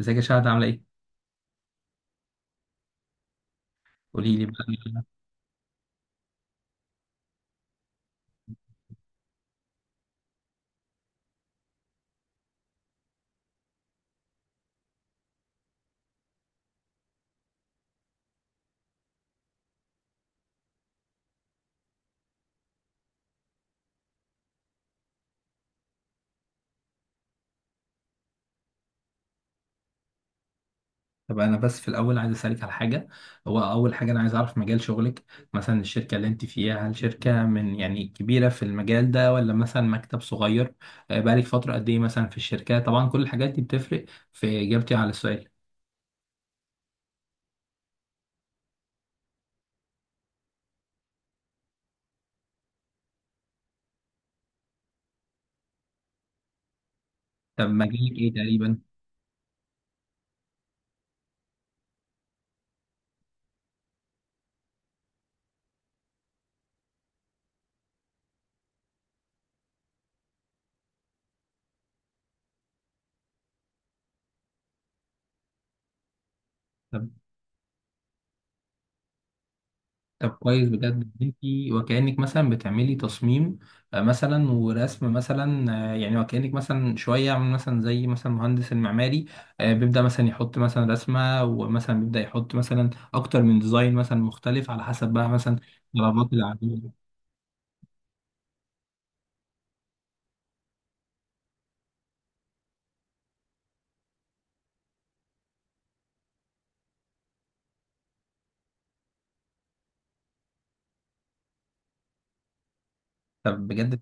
ازيك يا شهد، عامله ايه؟ قولي لي بقى. طب انا بس في الاول عايز اسالك على حاجه. هو اول حاجه انا عايز اعرف مجال شغلك. مثلا الشركه اللي انت فيها، هل شركه من يعني كبيره في المجال ده، ولا مثلا مكتب صغير؟ بقالك فتره قد ايه مثلا في الشركه؟ طبعا كل الحاجات دي بتفرق في اجابتي على السؤال. طب مجالك ايه تقريبا؟ طب كويس بجد. انتي وكأنك مثلا بتعملي تصميم مثلا ورسم، مثلا يعني وكأنك مثلا شوية عامل مثلا زي مثلا المهندس المعماري بيبدأ مثلا يحط مثلا رسمة، ومثلا بيبدأ يحط مثلا أكتر من ديزاين مثلا مختلف على حسب بقى مثلا طلبات العميل. طب بجد.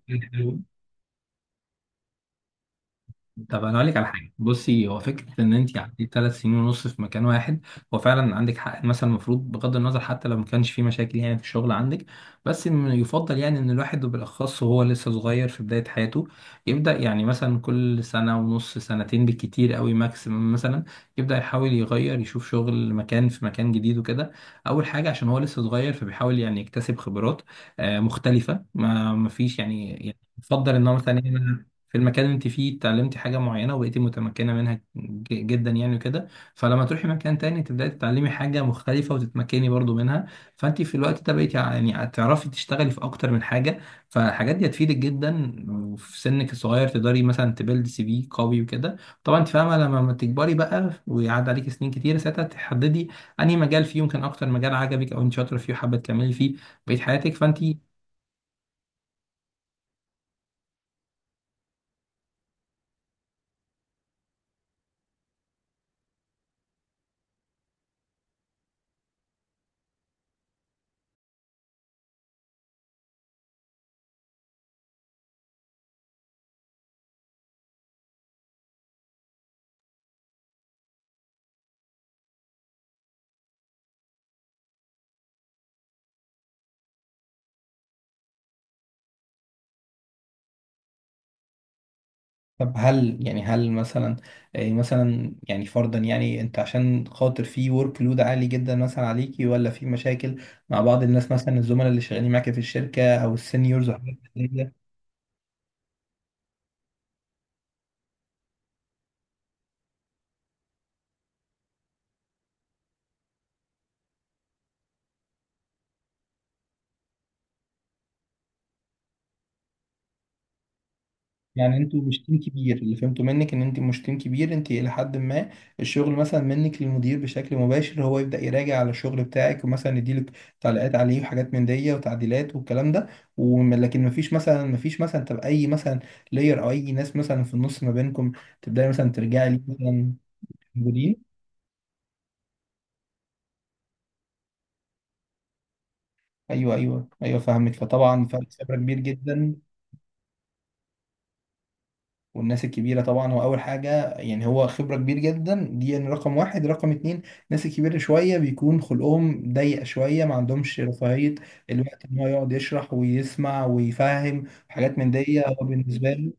طب انا اقول لك على حاجه. بصي، هو فكره ان انت قعدتي 3 سنين ونص في مكان واحد، هو فعلا عندك حق. مثلا المفروض بغض النظر، حتى لو ما كانش في مشاكل يعني في الشغل عندك، بس إن يفضل يعني ان الواحد وبالاخص وهو لسه صغير في بدايه حياته، يبدا يعني مثلا كل سنه ونص، سنتين بالكتير قوي ماكسيمم مثلا، يبدا يحاول يغير يشوف شغل مكان في مكان جديد وكده. اول حاجه عشان هو لسه صغير فبيحاول يعني يكتسب خبرات مختلفه. ما فيش يعني يفضل ان هو مثلا في المكان اللي انت فيه اتعلمتي حاجة معينة وبقيتي متمكنة منها جدا يعني وكده. فلما تروحي مكان تاني تبدأي تتعلمي حاجة مختلفة وتتمكني برضو منها، فانت في الوقت ده بقيتي يعني هتعرفي تشتغلي في اكتر من حاجة. فالحاجات دي هتفيدك جدا. وفي سنك الصغير تقدري مثلا تبيلد سي في قوي وكده. طبعا انت فاهمة، لما ما تكبري بقى ويعدي عليك سنين كتير، ساعتها تحددي انهي مجال فيه يمكن اكتر مجال عجبك او انت شاطرة فيه وحابة تكملي فيه بقية حياتك. فانت... طب هل يعني، هل مثلا إيه مثلا يعني فرضا يعني انت عشان خاطر في ورك لود عالي جدا مثلا عليكي، ولا في مشاكل مع بعض الناس مثلا الزملاء اللي شغالين معاك في الشركة او السينيورز وحاجات كده؟ يعني انتوا مش تيم كبير؟ اللي فهمته منك ان انت مش تيم كبير، انت الى حد ما الشغل مثلا منك للمدير بشكل مباشر، هو يبدا يراجع على الشغل بتاعك ومثلا يديلك تعليقات عليه وحاجات من دي وتعديلات والكلام ده. وم- لكن مفيش مثلا، مفيش مثلا، تبقى اي مثلا لاير او اي ناس مثلا في النص ما بينكم تبداي مثلا ترجعي ليه مثلا موجودين. ايوه، ايوه، ايوه، فاهمك. فطبعا فرق خبره كبير جدا. والناس الكبيرة طبعا، هو أول حاجة يعني هو خبرة كبير جدا دي، يعني رقم واحد. رقم اتنين، الناس الكبيرة شوية بيكون خلقهم ضيق شوية، ما عندهمش رفاهية الوقت إن هو يقعد يشرح ويسمع ويفهم حاجات من دي، هو بالنسبة له...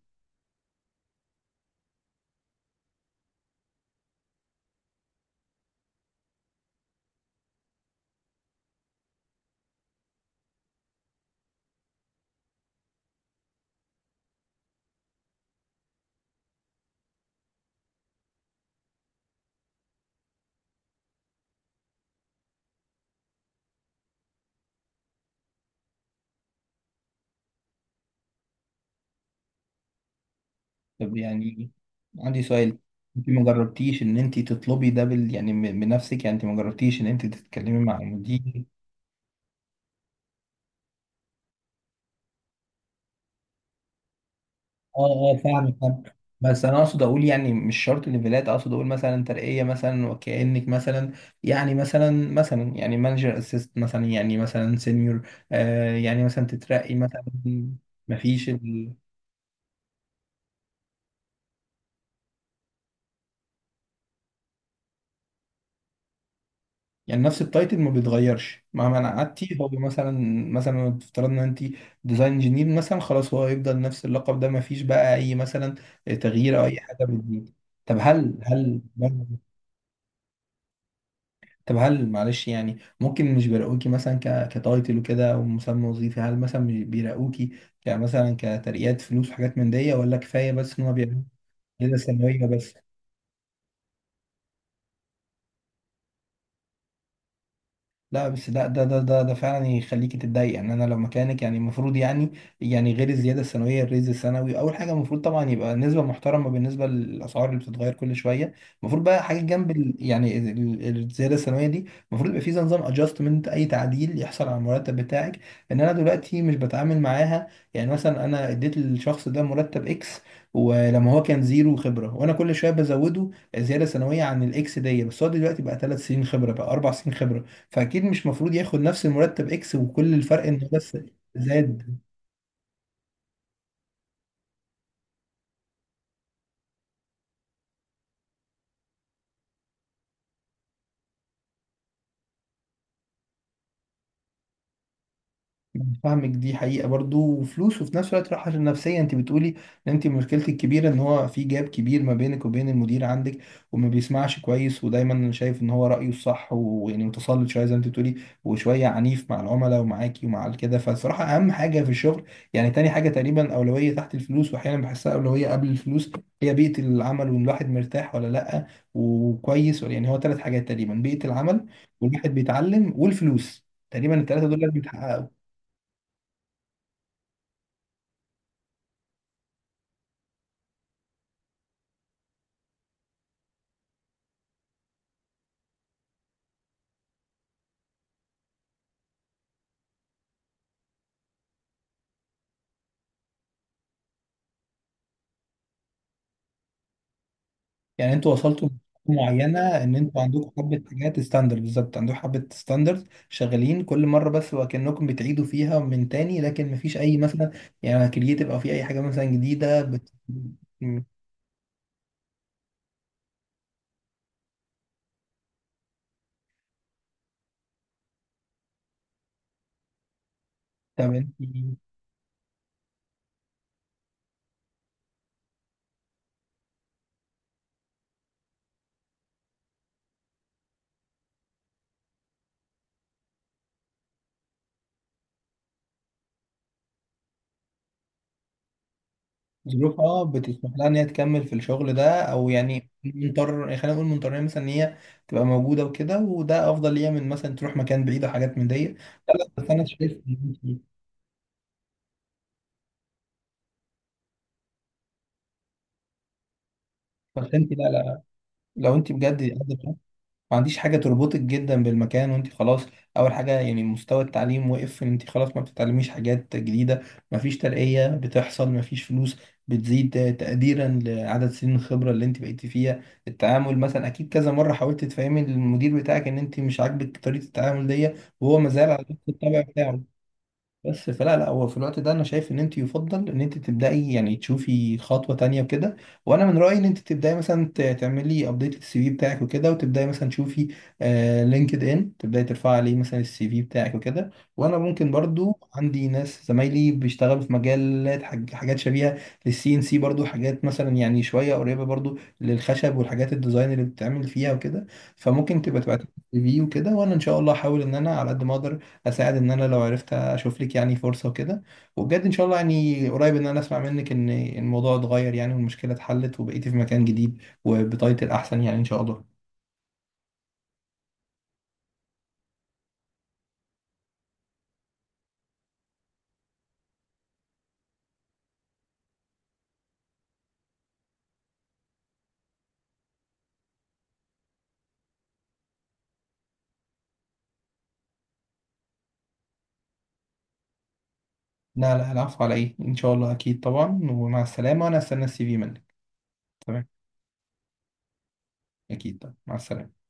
طب يعني عندي سؤال. انت ما جربتيش ان انت تطلبي ده بال يعني من نفسك؟ يعني انت ما جربتيش ان انت تتكلمي مع المدير؟ اه، اه، فاهمك، فاهمك. بس انا اقصد اقول يعني مش شرط ليفلات، اقصد اقول مثلا ترقيه مثلا، وكانك مثلا يعني مثلا يعني مانجر اسيست، مثلا يعني مثلا سينيور، يعني مثلا تترقي مثلا. ما فيش يعني نفس التايتل ما بيتغيرش مهما انا قعدتي. هو مثلا افترضنا ان انت ديزاين انجينير مثلا، خلاص هو هيفضل نفس اللقب ده، ما فيش بقى اي مثلا تغيير او اي حاجه بتزيد. طب هل طب هل، معلش، يعني ممكن مش بيراقوكي مثلا كتايتل وكده ومسمى وظيفي؟ هل مثلا مش بيراقوكي كمثلا كترقيات فلوس وحاجات من دي، ولا كفايه بس ان هو بيعمل كده سنويه بس؟ لا، بس ده ده فعلا يخليكي تتضايق. يعني انا لو مكانك، يعني المفروض يعني، يعني غير الزياده السنويه، الريز السنوي اول حاجه، المفروض طبعا يبقى نسبه محترمه بالنسبه للاسعار اللي بتتغير كل شويه. المفروض بقى حاجه جنب ال يعني ال- ال- الزياده السنويه دي، المفروض يبقى في زي نظام ادجستمنت. اي تعديل يحصل على المرتب بتاعك ان انا دلوقتي مش بتعامل معاها. يعني مثلا انا اديت للشخص ده مرتب اكس، ولما هو كان زيرو خبره وانا كل شويه بزوده زياده سنويه عن الاكس دي، بس هو دلوقتي بقى 3 سنين خبره، بقى 4 سنين خبره، فاكيد مش مفروض ياخد نفس المرتب اكس وكل الفرق انه بس زاد. يعني فاهمك، دي حقيقة برضو، وفلوس، وفي نفس الوقت راحة نفسية. انت بتقولي ان انت مشكلتك الكبيرة ان هو في جاب كبير ما بينك وبين المدير عندك، وما بيسمعش كويس، ودايما شايف ان هو رأيه الصح، ويعني متسلط شوية زي ما انت بتقولي، وشوية عنيف مع العملاء ومعاكي ومع كده. فالصراحة اهم حاجة في الشغل، يعني تاني حاجة تقريبا، أولوية تحت الفلوس، واحيانا بحسها أولوية قبل الفلوس، هي بيئة العمل، وان الواحد مرتاح ولا لأ، وكويس ولا يعني. هو ثلاث حاجات تقريبا: بيئة العمل، والواحد بيتعلم، والفلوس. تقريبا الثلاثة دول لازم يتحققوا. يعني انتوا وصلتوا لمرحلة معينة ان انتوا عندكم حبة حاجات ستاندرد، بالظبط عندكم حبة ستاندرد شغالين كل مرة، بس وكأنكم بتعيدوا فيها من تاني، لكن مفيش اي مثلا يعني كرييتيف، او في اي حاجة مثلا جديدة م- طب انت، ظروفها بتسمح لها ان هي تكمل في الشغل ده، او يعني مضطر يعني خلينا نقول مضطرين مثلا ان هي تبقى موجودة وكده، وده افضل ليها من مثلا تروح مكان بعيد وحاجات من دي. لا، لا، بس انا شايف ان انت... بس انت، لا لا، لو انت بجد ما عنديش حاجة تربطك جدا بالمكان وانت خلاص. أول حاجة يعني مستوى التعليم وقف، ان انت خلاص ما بتتعلميش حاجات جديدة. مفيش ترقية بتحصل، مفيش فلوس بتزيد تقديرا لعدد سنين الخبرة اللي انت بقيتي فيها. التعامل مثلا أكيد كذا مرة حاولت تفهمي للمدير بتاعك ان انت مش عاجبك طريقة التعامل دي، وهو مازال على نفس الطبع بتاعه. بس فلا لا، هو في الوقت ده انا شايف ان انت يفضل ان انت تبداي يعني تشوفي خطوه تانية وكده. وانا من رايي ان انت تبداي مثلا تعملي ابديت للسي في بتاعك وكده، وتبداي مثلا تشوفي لينكد ان تبداي ترفعي عليه مثلا السي في بتاعك وكده. وانا ممكن برضو عندي ناس زمايلي بيشتغلوا في مجالات حاجات شبيهه للسي ان سي، برضو حاجات مثلا يعني شويه قريبه برضو للخشب، والحاجات الديزاين اللي بتتعمل فيها وكده. فممكن تبقى تبعت السي في وكده، وانا ان شاء الله احاول ان انا على قد ما اقدر اساعد، ان انا لو عرفت اشوف لك يعني فرصه وكده. وبجد ان شاء الله يعني قريب ان انا اسمع منك ان الموضوع اتغير يعني، والمشكله اتحلت وبقيتي في مكان جديد وبتايتل احسن يعني، ان شاء الله. لا لا، العفو، على ايه. ان شاء الله اكيد طبعا. ومع السلامه. وانا استنى السي في منك. تمام. اكيد طبعا، مع السلامه.